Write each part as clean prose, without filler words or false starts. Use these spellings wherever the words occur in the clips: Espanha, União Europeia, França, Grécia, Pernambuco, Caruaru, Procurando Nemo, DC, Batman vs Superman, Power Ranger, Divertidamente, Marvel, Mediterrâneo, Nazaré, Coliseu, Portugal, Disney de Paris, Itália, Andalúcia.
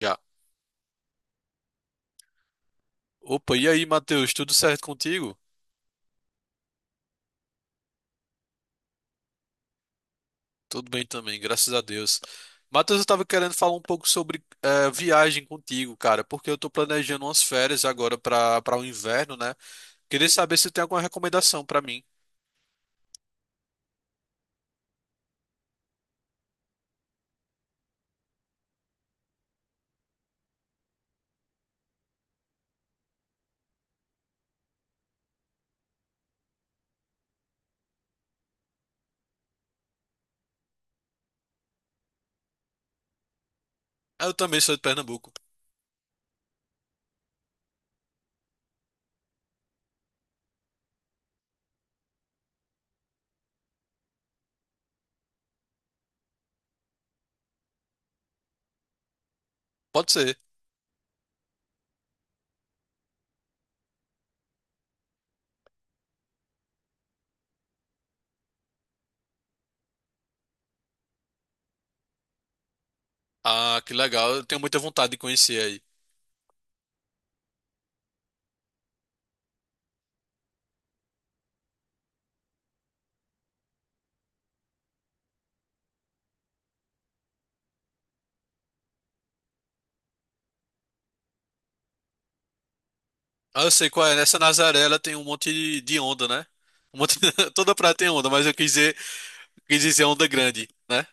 Já. Opa, e aí, Matheus, tudo certo contigo? Tudo bem também, graças a Deus. Matheus, eu tava querendo falar um pouco sobre viagem contigo, cara, porque eu tô planejando umas férias agora para o inverno, né? Queria saber se tem alguma recomendação pra mim. Ah, eu também sou de Pernambuco. Pode ser. Ah, que legal, eu tenho muita vontade de conhecer aí. Ah, eu sei qual é, nessa Nazaré ela tem um monte de onda, né? Um monte... Toda praia tem onda, mas eu quis dizer onda grande, né?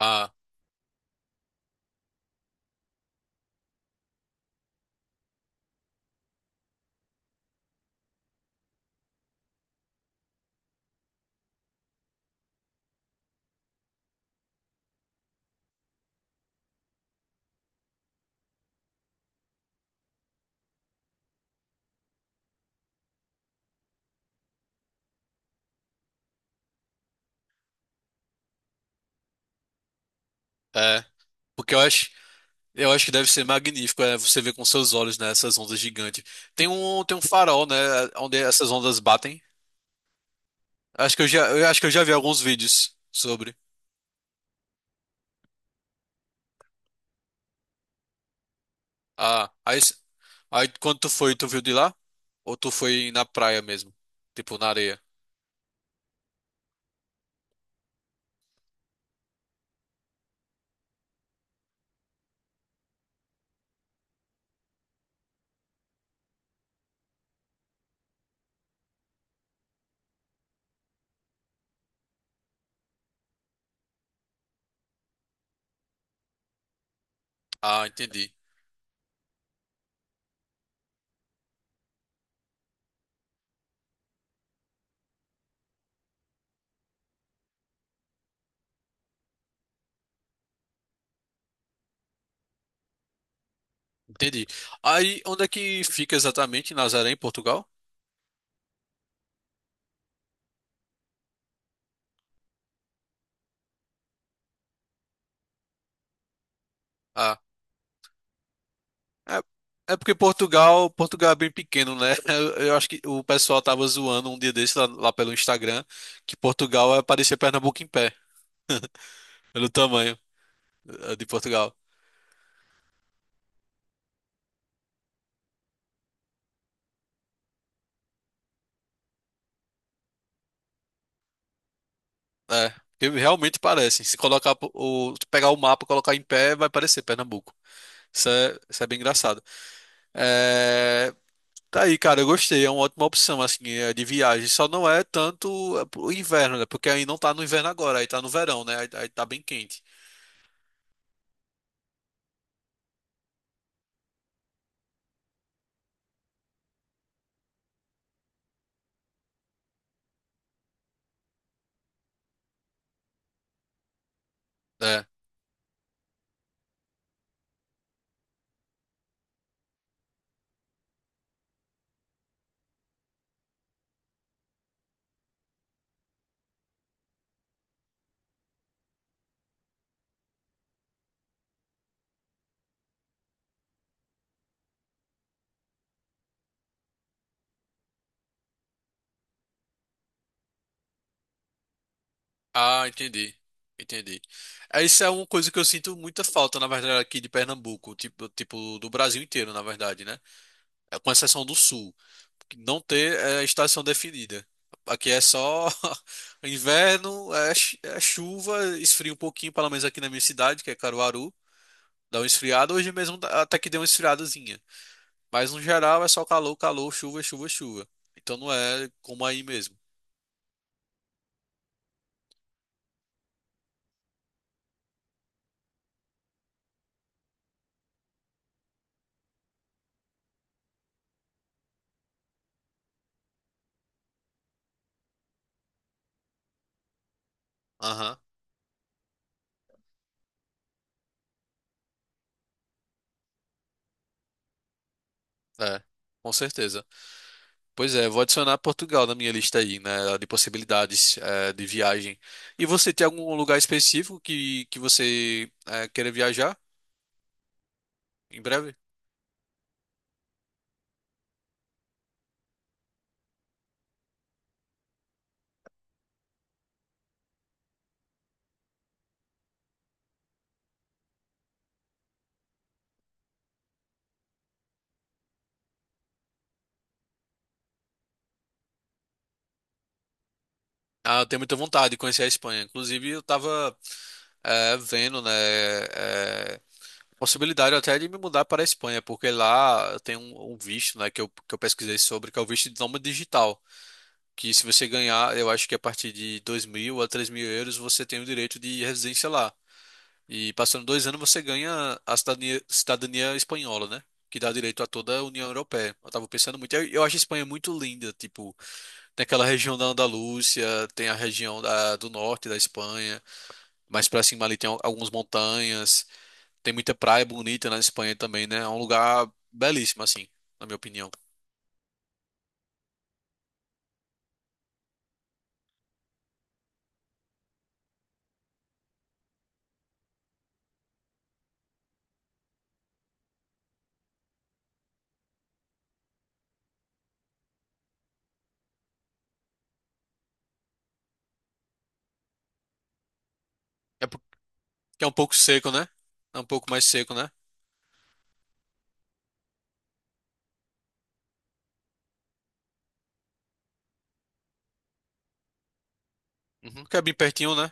Ah, é. Porque eu acho. Eu acho que deve ser magnífico, é, você ver com seus olhos, né, essas ondas gigantes. Tem um farol, né, onde essas ondas batem. Acho que eu já, eu acho que eu já vi alguns vídeos sobre. Ah, aí, s- aí quando tu foi, tu viu de lá? Ou tu foi na praia mesmo? Tipo, na areia? Ah, entendi. Entendi. Aí, onde é que fica exatamente Nazaré, em Portugal? Ah, é, é porque Portugal é bem pequeno, né? Eu acho que o pessoal tava zoando um dia desse lá, pelo Instagram que Portugal é parecer Pernambuco em pé, pelo tamanho de Portugal. É, porque realmente parece. Se colocar se pegar o mapa, e colocar em pé, vai parecer Pernambuco. Isso é bem engraçado. É, tá aí, cara, eu gostei. É uma ótima opção assim de viagem. Só não é tanto pro inverno, né? Porque aí não tá no inverno agora, aí tá no verão, né? Aí tá bem quente. É. Ah, entendi. Entendi. É, isso é uma coisa que eu sinto muita falta, na verdade, aqui de Pernambuco, tipo do Brasil inteiro, na verdade, né? É, com exceção do Sul, que não ter é, estação definida. Aqui é só inverno, é chuva, esfria um pouquinho, pelo menos aqui na minha cidade, que é Caruaru, dá um esfriado. Hoje mesmo até que deu uma esfriadazinha. Mas no geral é só calor, calor, chuva, chuva, chuva. Então não é como aí mesmo. Aham, é, com certeza. Pois é, vou adicionar Portugal na minha lista aí, né, de possibilidades é, de viagem. E você tem algum lugar específico que você é, queira viajar em breve? Ah, eu tenho muita vontade de conhecer a Espanha. Inclusive, eu tava é, vendo, né, é, possibilidade até de me mudar para a Espanha, porque lá eu tenho um visto, né, que eu pesquisei sobre, que é o visto de nômade digital. Que se você ganhar, eu acho que a partir de 2 mil a 3 mil euros você tem o direito de residência lá. E passando 2 anos você ganha a cidadania, cidadania espanhola, né? Que dá direito a toda a União Europeia. Eu tava pensando muito. Eu acho a Espanha muito linda, tipo, tem aquela região da Andalúcia, tem a região do norte da Espanha, mais pra cima ali tem algumas montanhas. Tem muita praia bonita na Espanha também, né? É um lugar belíssimo, assim, na minha opinião. É porque é um pouco seco, né? É um pouco mais seco, né? Uhum. Porque é bem pertinho, né?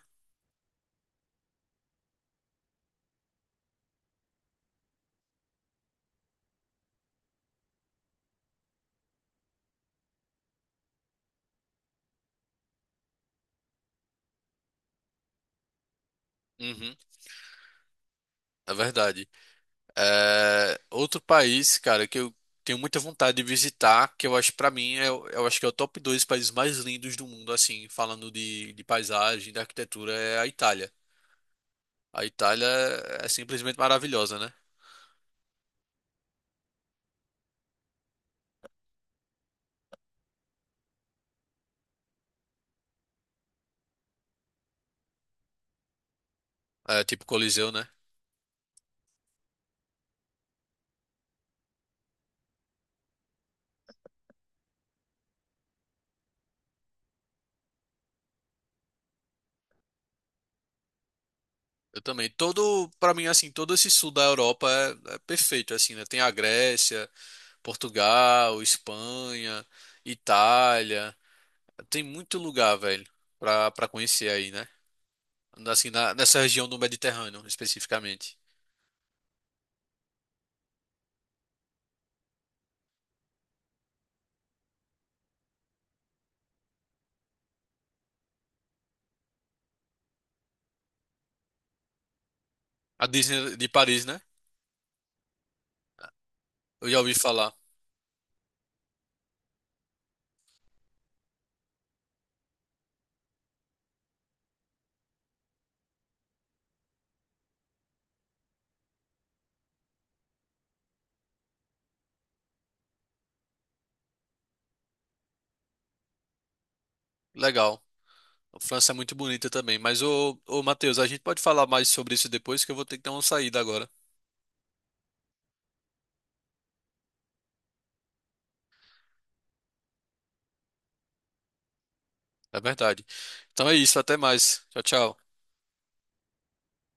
Uhum. É verdade. É, outro país, cara, que eu tenho muita vontade de visitar, que eu acho pra mim, eu acho que é o top dois países mais lindos do mundo, assim, falando de paisagem, de arquitetura, é a Itália. A Itália é simplesmente maravilhosa, né? É tipo Coliseu, né? Eu também. Todo, para mim, assim, todo esse sul da Europa é, é perfeito, assim, né? Tem a Grécia, Portugal, Espanha, Itália. Tem muito lugar, velho, pra conhecer aí, né? Assim, nessa região do Mediterrâneo, especificamente. A Disney de Paris, né? Eu já ouvi falar. Legal. A França é muito bonita também. Mas, ô, Matheus, a gente pode falar mais sobre isso depois, que eu vou ter que dar uma saída agora. É verdade. Então é isso, até mais. Tchau, tchau.